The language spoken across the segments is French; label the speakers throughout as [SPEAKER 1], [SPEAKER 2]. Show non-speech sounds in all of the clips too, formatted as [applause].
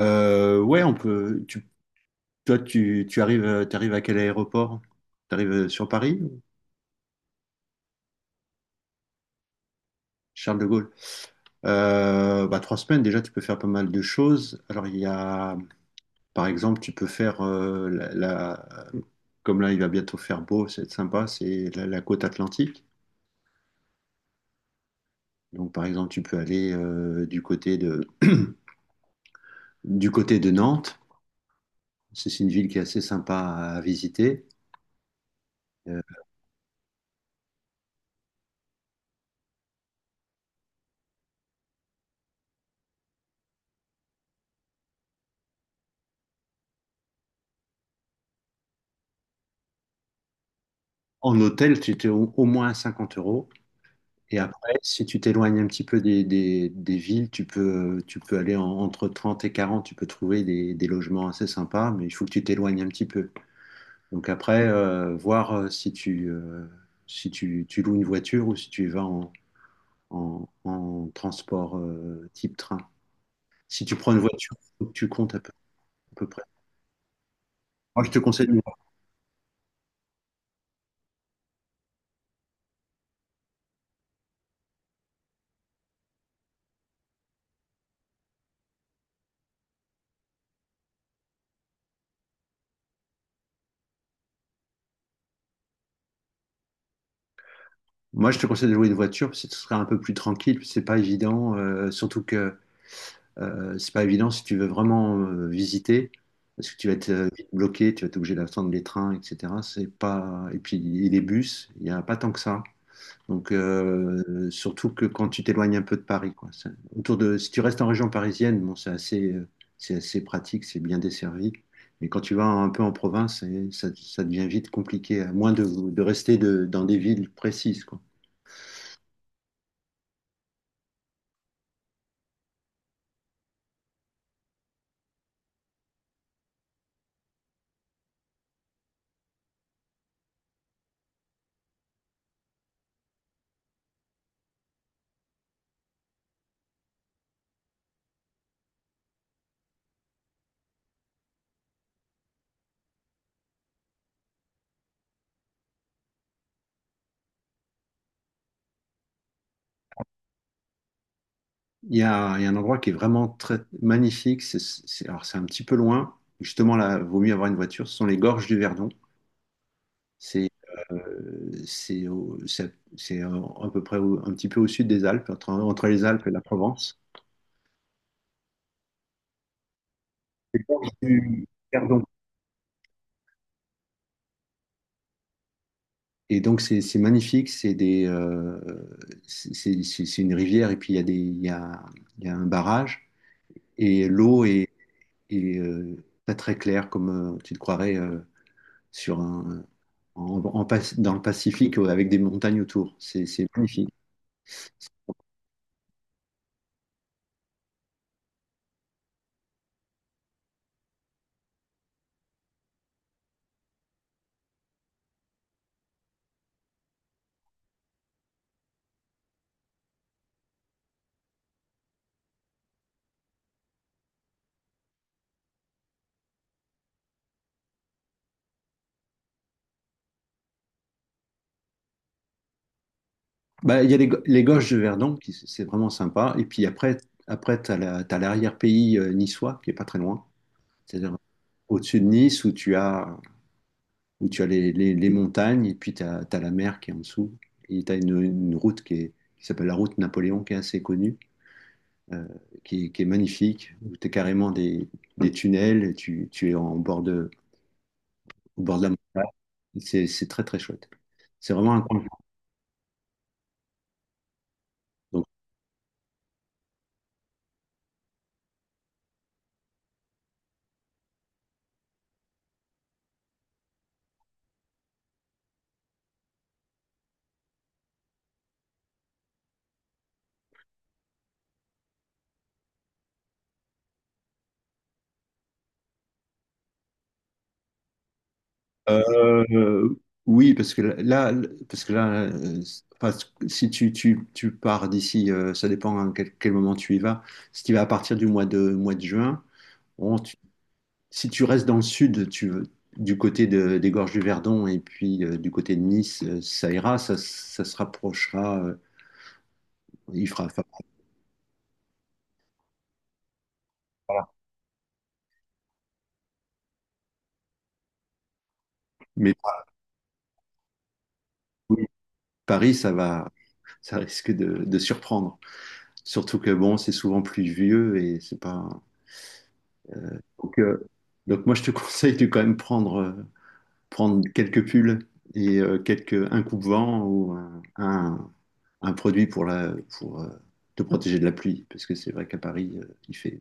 [SPEAKER 1] Ouais, on peut. Toi, tu arrives, t'arrives à quel aéroport? T'arrives sur Paris, ou Charles de Gaulle. Bah, 3 semaines déjà, tu peux faire pas mal de choses. Alors il y a, par exemple, tu peux faire comme là il va bientôt faire beau, c'est sympa, c'est la côte atlantique. Donc par exemple, tu peux aller du côté de Nantes. C'est une ville qui est assez sympa à visiter. Euh, En hôtel, tu étais au moins à 50 euros. Et après, si tu t'éloignes un petit peu des villes, tu peux aller entre 30 et 40. Tu peux trouver des logements assez sympas, mais il faut que tu t'éloignes un petit peu. Donc après, voir si tu loues une voiture ou si tu y vas en transport, type train. Si tu prends une voiture, faut que tu comptes à peu près. Moi, je te conseille, moi, je te conseille de louer une voiture parce que ce sera un peu plus tranquille, puis c'est pas évident, surtout que c'est pas évident si tu veux vraiment visiter, parce que tu vas être vite bloqué, tu vas être obligé d'attendre les trains, etc. C'est pas... Et puis les bus, il n'y a pas tant que ça. Donc surtout que quand tu t'éloignes un peu de Paris, quoi. Si tu restes en région parisienne, bon, c'est assez pratique, c'est bien desservi. Mais quand tu vas un peu en province, ça devient vite compliqué, à moins de rester dans des villes précises, quoi. Il y a un endroit qui est vraiment très magnifique. Alors c'est un petit peu loin. Justement, là, vaut mieux avoir une voiture. Ce sont les gorges du Verdon. C'est c'est à peu près un petit peu au sud des Alpes, entre les Alpes et la Provence. Du Verdon. Et donc c'est magnifique. C'est des c'est une rivière et puis il y a un barrage et l'eau est pas très claire comme tu te croirais. Sur un, en, en Pas- Dans le Pacifique, avec des montagnes autour. C'est magnifique. Bah, il y a les Gorges de Verdon, c'est vraiment sympa. Et puis après, t'as l'arrière-pays niçois, qui est pas très loin. C'est-à-dire au-dessus de Nice, où tu as les montagnes, et puis tu as la mer qui est en dessous. Et tu as une route qui s'appelle la route Napoléon, qui est assez connue, euh, qui est magnifique, où tu es carrément des tunnels, et tu es en bord au bord de la C'est très très chouette. C'est vraiment un coin. De- Donc, euh, oui, parce que là, enfin, si tu pars d'ici, ça dépend à quel moment tu y vas. Si tu y vas à partir du mois de juin, bon, si tu restes dans le sud, des gorges du Verdon et puis du côté de Nice, ça ira, ça se rapprochera, il fera. Enfin, mais oui, Paris, ça va, ça risque de surprendre. Surtout que bon, c'est souvent pluvieux et c'est pas. Donc, euh, donc moi, je te [laughs] conseille de quand même prendre quelques pulls et un coupe-vent ou un produit pour te protéger de la pluie. Parce que c'est vrai qu'à Paris,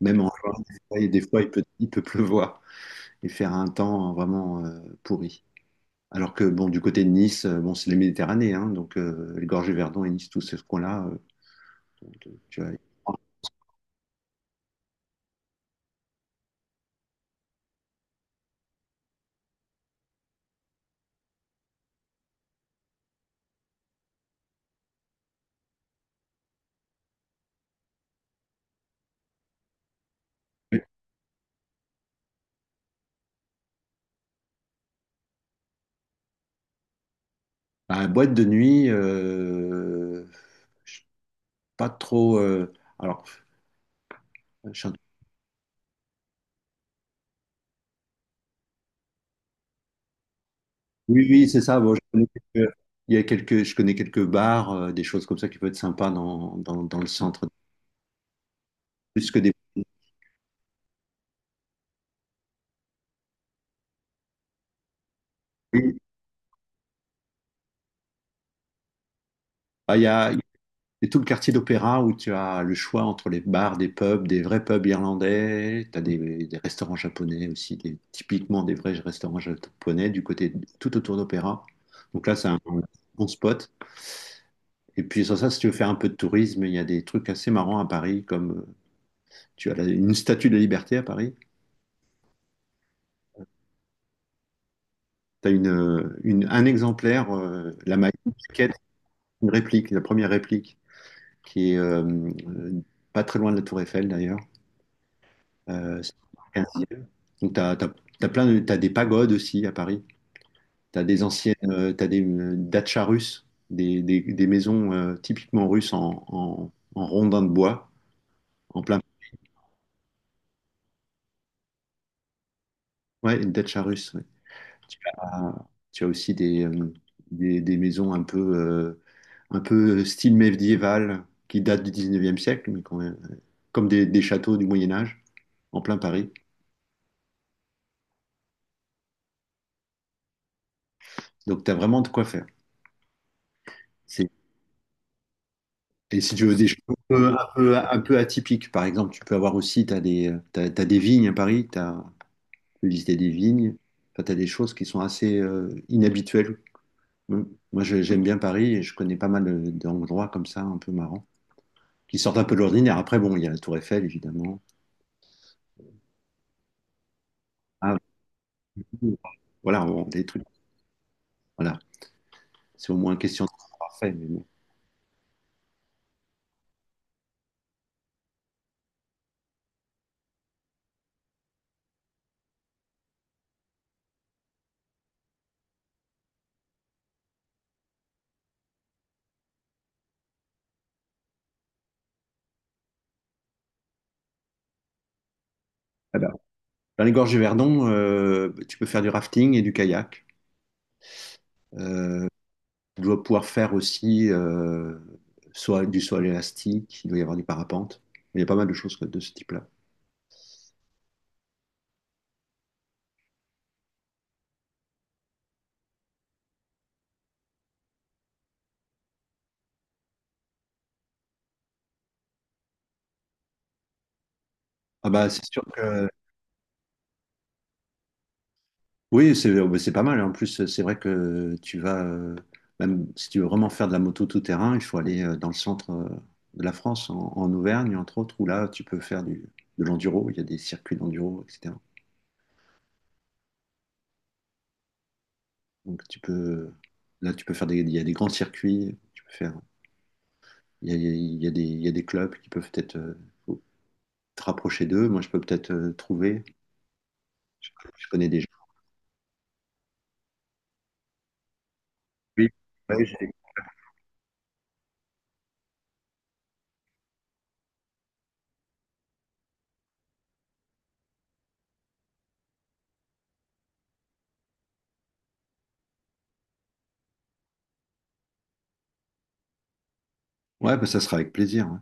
[SPEAKER 1] même en juin, des fois, il peut pleuvoir et faire un temps vraiment pourri. Alors que bon, du côté de Nice, bon, c'est la Méditerranée, hein, donc les gorges du Verdon et Nice, tout ce coin-là, tu vois. Bah, boîte de nuit, je suis pas trop. Alors, je suis Oui, oui, c'est ça. Bon, je connais quelques, il y a quelques, je connais quelques bars, des choses comme ça qui peuvent être sympas dans le centre. Plus que des... Oui. Ah, il y a tout le quartier d'opéra où tu as le choix entre les bars, des pubs, des vrais pubs irlandais. Tu as des restaurants japonais aussi, typiquement des vrais restaurants japonais du côté tout autour d'opéra. Donc là, c'est un bon spot. Et puis sur ça, si tu veux faire un peu de tourisme, il y a des trucs assez marrants à Paris, comme une statue de la liberté à Paris. Un exemplaire, la maquette, une réplique, la première réplique, qui est euh, pas très loin de la Tour Eiffel d'ailleurs. C'est un siècle. Donc t'as des pagodes aussi à Paris. T'as des dachas russes, des maisons typiquement russes en rondins de bois, en plein. Ouais, une dacha russe. Tu as, tu as aussi des maisons un peu style médiéval qui datent du 19e siècle, mais quand même, comme des châteaux du Moyen Âge en plein Paris. Donc tu as vraiment de quoi faire. C'est- Et si tu veux des choses un peu atypiques, par exemple, tu peux avoir aussi, tu as des, t'as- t'as des vignes à Paris, tu peux visiter des vignes, enfin, tu as des choses qui sont assez inhabituelles. Mm. Moi, j'aime bien Paris et je connais pas mal d'endroits comme ça, un peu marrants, qui sortent un peu de l'ordinaire. Après, bon, il y a la Tour Eiffel, évidemment. Ah, oui. Voilà, des trucs. Voilà, c'est au moins une question de parfait. Mais bon. Ah bah, dans les gorges du Verdon, tu peux faire du rafting et du kayak. Euh, Tu dois pouvoir faire aussi soit du saut à élastique, il doit y avoir du parapente. Il y a pas mal de choses de ce type-là. Ah bah c'est sûr que oui, c'est oh, bah, c'est pas mal. En plus, c'est vrai que même si tu veux vraiment faire de la moto tout terrain, il faut aller dans le centre de la France, en Auvergne entre autres, où là tu peux faire de l'enduro. Il y a des circuits d'enduro, etc. Donc tu peux, Là tu peux il y a des grands circuits, il y a, il y a- il y a des, il y a des clubs qui peuvent peut-être faut te rapprocher d'eux. Moi je peux peut-être je, je connais des gens. Oui. Ouais, j'ai- ouais, bah, ça sera avec plaisir. Ouais.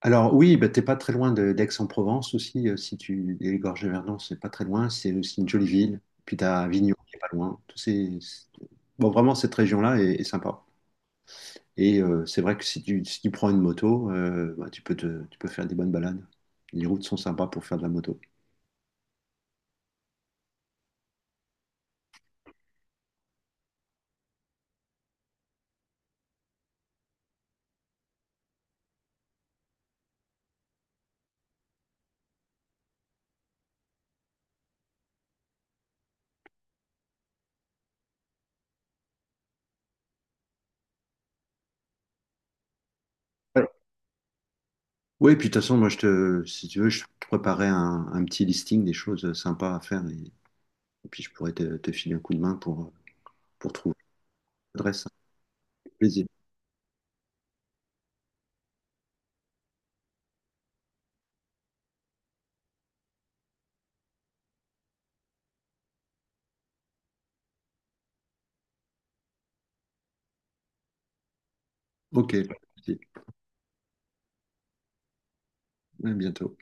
[SPEAKER 1] Alors oui, bah, t'es pas très loin d'Aix-en-Provence aussi, si tu, et les gorges de Verdon, c'est pas très loin, c'est aussi une jolie ville. Puis t'as Avignon qui est pas loin. Bon vraiment cette région-là est sympa. Et c'est vrai que si tu prends une moto, bah, tu peux faire des bonnes balades. Les routes sont sympas pour faire de la moto. Ouais. Oui, puis de toute façon, si tu veux, je te préparais un petit listing des choses sympas à faire et puis je pourrais te filer un coup de main pour trouver l'adresse. Plaisir. Ok. Ouais, à bientôt.